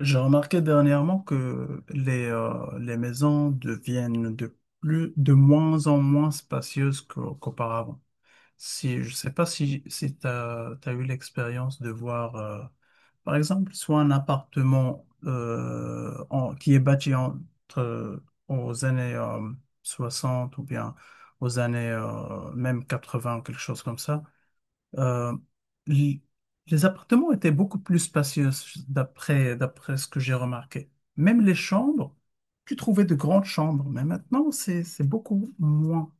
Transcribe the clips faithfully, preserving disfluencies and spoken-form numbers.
J'ai remarqué dernièrement que les, euh, les maisons deviennent de plus, de moins en moins spacieuses qu'au- qu'auparavant. Si, je ne sais pas si, si tu as eu l'expérience de voir, euh, par exemple, soit un appartement euh, en- qui est bâti entre, euh, aux années euh, soixante, ou bien aux années euh, même vingts, quelque chose comme ça. Euh, l- les appartements étaient beaucoup plus spacieux d'après d'après ce que j'ai remarqué. Même les chambres, tu trouvais de grandes chambres, mais maintenant c'est c'est beaucoup moins.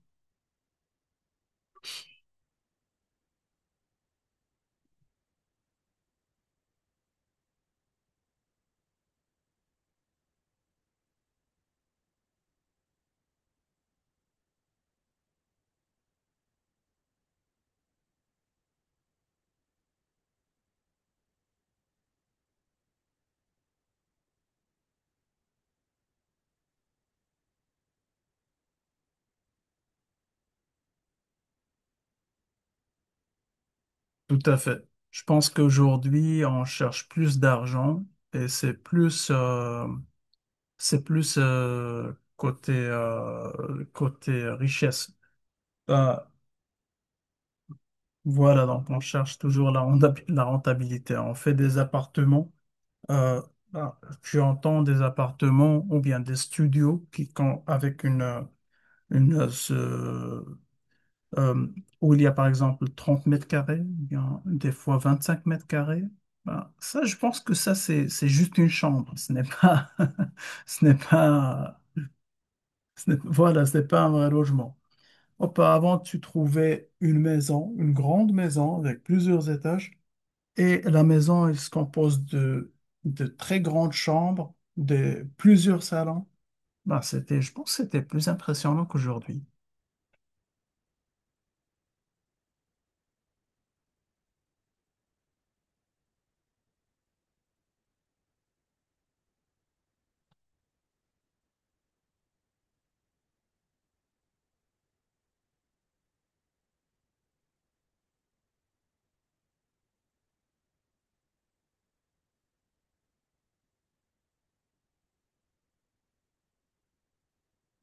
Tout à fait. Je pense qu'aujourd'hui on cherche plus d'argent, et c'est plus euh, c'est plus euh, côté euh, côté richesse. Euh, voilà, donc on cherche toujours la renta- la rentabilité. On fait des appartements. Euh, ah, Tu entends des appartements ou bien des studios qui, quand, avec une, euh, une euh, ce- euh, où il y a par exemple trente mètres carrés, ou bien des fois vingt-cinq mètres carrés. Ben, ça, je pense que ça, c'est, c'est juste une chambre. Ce n'est pas, ce n'est pas, ce n'est- voilà, ce n'est pas un vrai logement. Auparavant, tu trouvais une maison, une grande maison avec plusieurs étages. Et la maison, elle se compose de, de très grandes chambres, de plusieurs salons. Ben, c'était, je pense que c'était plus impressionnant qu'aujourd'hui.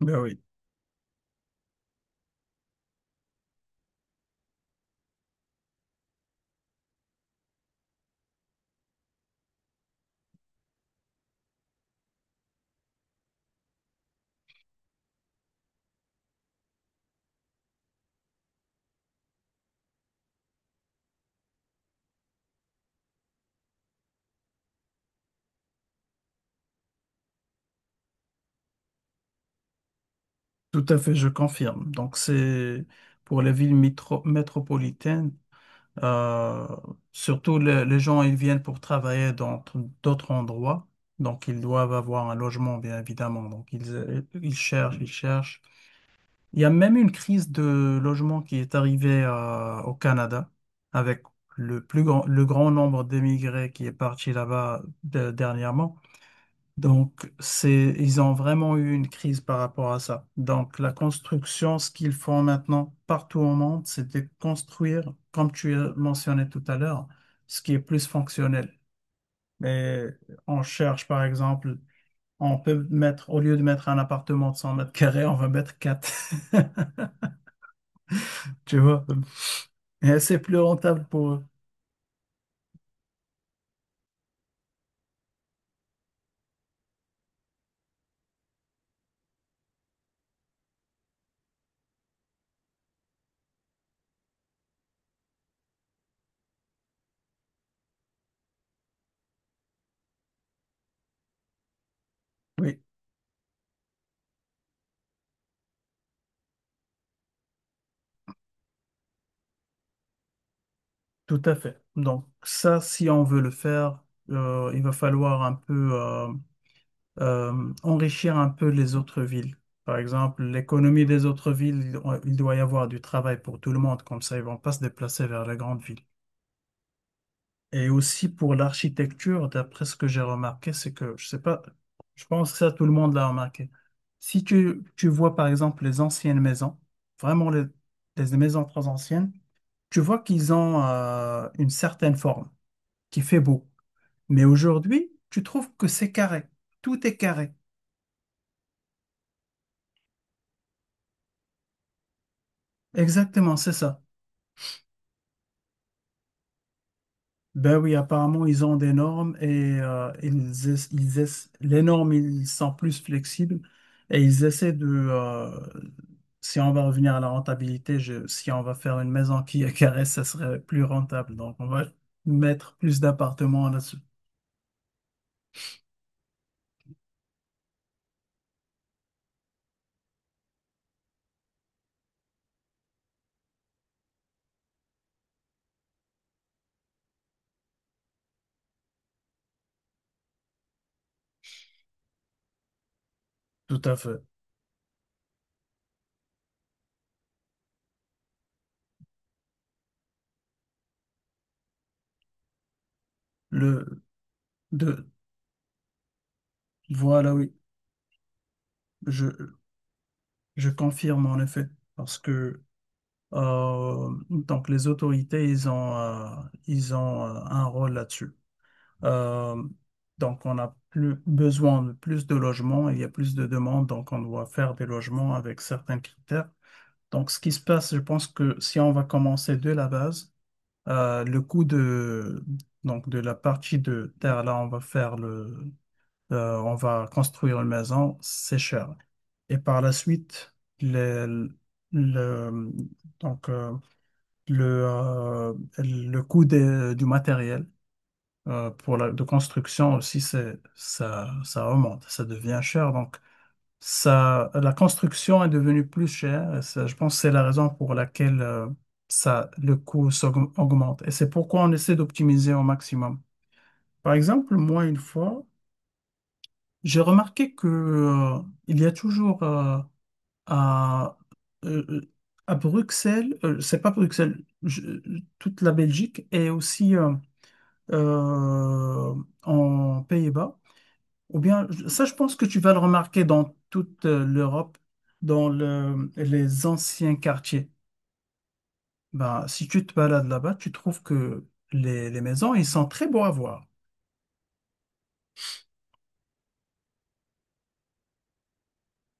Ben oui. Tout à fait, je confirme. Donc c'est pour les villes mitro- métropolitaines. Euh, Surtout, le- les gens, ils viennent pour travailler dans t- d'autres endroits. Donc ils doivent avoir un logement, bien évidemment. Donc ils, euh, ils cherchent, ils cherchent. Il y a même une crise de logement qui est arrivée euh, au Canada avec le plus grand, le grand nombre d'émigrés qui est parti là-bas de- dernièrement. Donc, c'est, ils ont vraiment eu une crise par rapport à ça. Donc la construction, ce qu'ils font maintenant partout au monde, c'est de construire, comme tu as mentionné tout à l'heure, ce qui est plus fonctionnel. Mais on cherche, par exemple, on peut mettre, au lieu de mettre un appartement de cent mètres carrés, on va mettre quatre. Tu vois? Et c'est plus rentable pour eux. Oui, tout à fait. Donc, ça, si on veut le faire, euh, il va falloir un peu. Euh, euh, enrichir un peu les autres villes. Par exemple, l'économie des autres villes, il doit y avoir du travail pour tout le monde, comme ça ils vont pas se déplacer vers les grandes villes. Et aussi pour l'architecture, d'après ce que j'ai remarqué, c'est que, je sais pas, je pense que ça, tout le monde l'a remarqué. Si tu, Tu vois par exemple les anciennes maisons, vraiment les, les maisons très anciennes, tu vois qu'ils ont euh, une certaine forme qui fait beau. Mais aujourd'hui, tu trouves que c'est carré. Tout est carré. Exactement, c'est ça. Ben oui, apparemment, ils ont des normes, et euh, ils, ess- ils ess- les normes, ils sont plus flexibles, et ils essaient de, euh, si on va revenir à la rentabilité, je- si on va faire une maison qui est carrée, ça serait plus rentable. Donc on va mettre plus d'appartements là-dessus. Tout à fait. Le, de, voilà, oui, je, je confirme en effet. Parce que euh, donc les autorités, ils ont, euh, ils ont euh, un rôle là-dessus. Euh, donc on a plus besoin de plus de logements, il y a plus de demandes, donc on doit faire des logements avec certains critères. Donc ce qui se passe, je pense que si on va commencer de la base, euh, le coût de, donc de la partie de terre, là, on va faire le, euh, on va construire une maison, c'est cher. Et par la suite, le, le, donc, euh, le, euh, le coût des- du matériel euh, pour la de construction aussi, c'est, ça, ça remonte, ça devient cher. Donc ça, la construction est devenue plus chère. Et ça, je pense que c'est la raison pour laquelle euh, ça, le coût s'aug- augmente. Et c'est pourquoi on essaie d'optimiser au maximum. Par exemple, moi, une fois, j'ai remarqué que euh, il y a toujours euh, à, euh, euh, à Bruxelles, euh, c'est pas Bruxelles, je- toute la Belgique et aussi euh, euh, en Pays-Bas. Ou bien, je- ça, je pense que tu vas le remarquer dans toute euh, l'Europe, dans le- les anciens quartiers. Ben, si tu te balades là-bas, tu trouves que les, les maisons, ils sont très beaux à voir.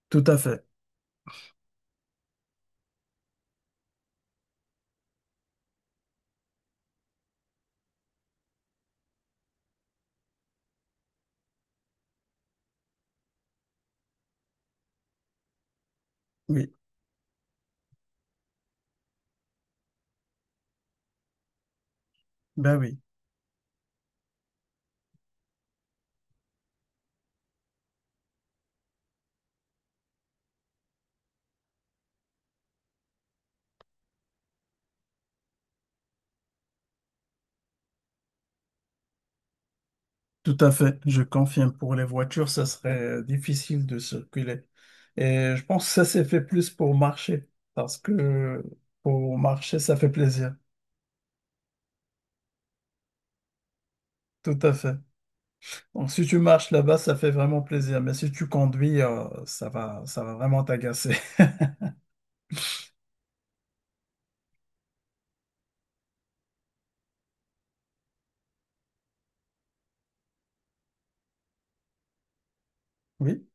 Tout à fait. Oui, ben oui, tout à fait. Je confirme, pour les voitures, ça serait euh, difficile de circuler. Et je pense que ça s'est fait plus pour marcher, parce que pour marcher, ça fait plaisir. Tout à fait. Donc si tu marches là-bas, ça fait vraiment plaisir. Mais si tu conduis, euh, ça va, ça va vraiment t'agacer. Oui,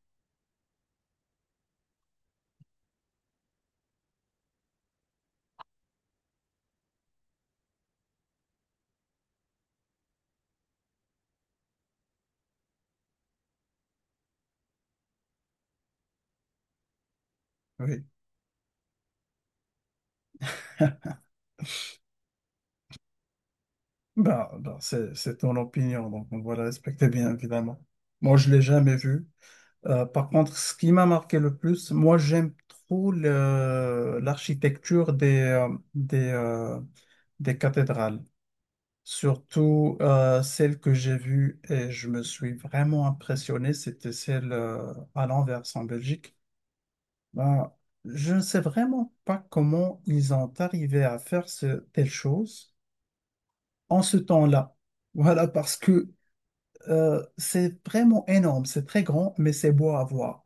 oui. Ben, ben, c'est, c'est ton opinion, donc on doit la respecter bien évidemment. Moi, je l'ai jamais vu. Euh, par contre, ce qui m'a marqué le plus, moi, j'aime trop le- l'architecture des, euh, des, euh, des cathédrales. Surtout euh, celle que j'ai vue et je me suis vraiment impressionné, c'était celle euh, à l'Anvers en Belgique. Ben, je ne sais vraiment pas comment ils ont arrivé à faire ce, telle chose en ce temps-là. Voilà, parce que euh, c'est vraiment énorme, c'est très grand, mais c'est beau à voir.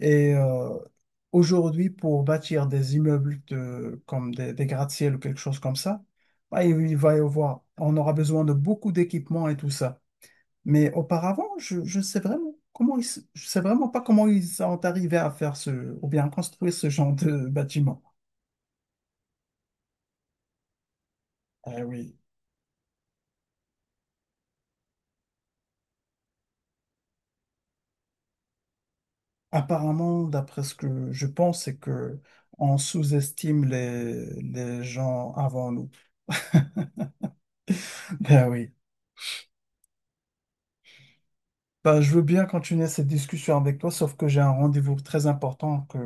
Et euh, aujourd'hui, pour bâtir des immeubles de, comme des, des gratte-ciel ou quelque chose comme ça, bah, il il va y avoir, on aura besoin de beaucoup d'équipements et tout ça. Mais auparavant, je, je sais vraiment comment ils, se- je sais vraiment pas comment ils sont arrivés à faire ce, ou bien construire ce genre de bâtiment. Eh oui. Apparemment, d'après ce que je pense, c'est que on sous-estime les, les gens avant nous. Ben oui. Ben, je veux bien continuer cette discussion avec toi, sauf que j'ai un rendez-vous très important que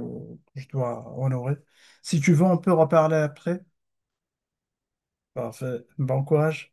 je dois honorer. Si tu veux, on peut reparler après. Parfait. Bon courage.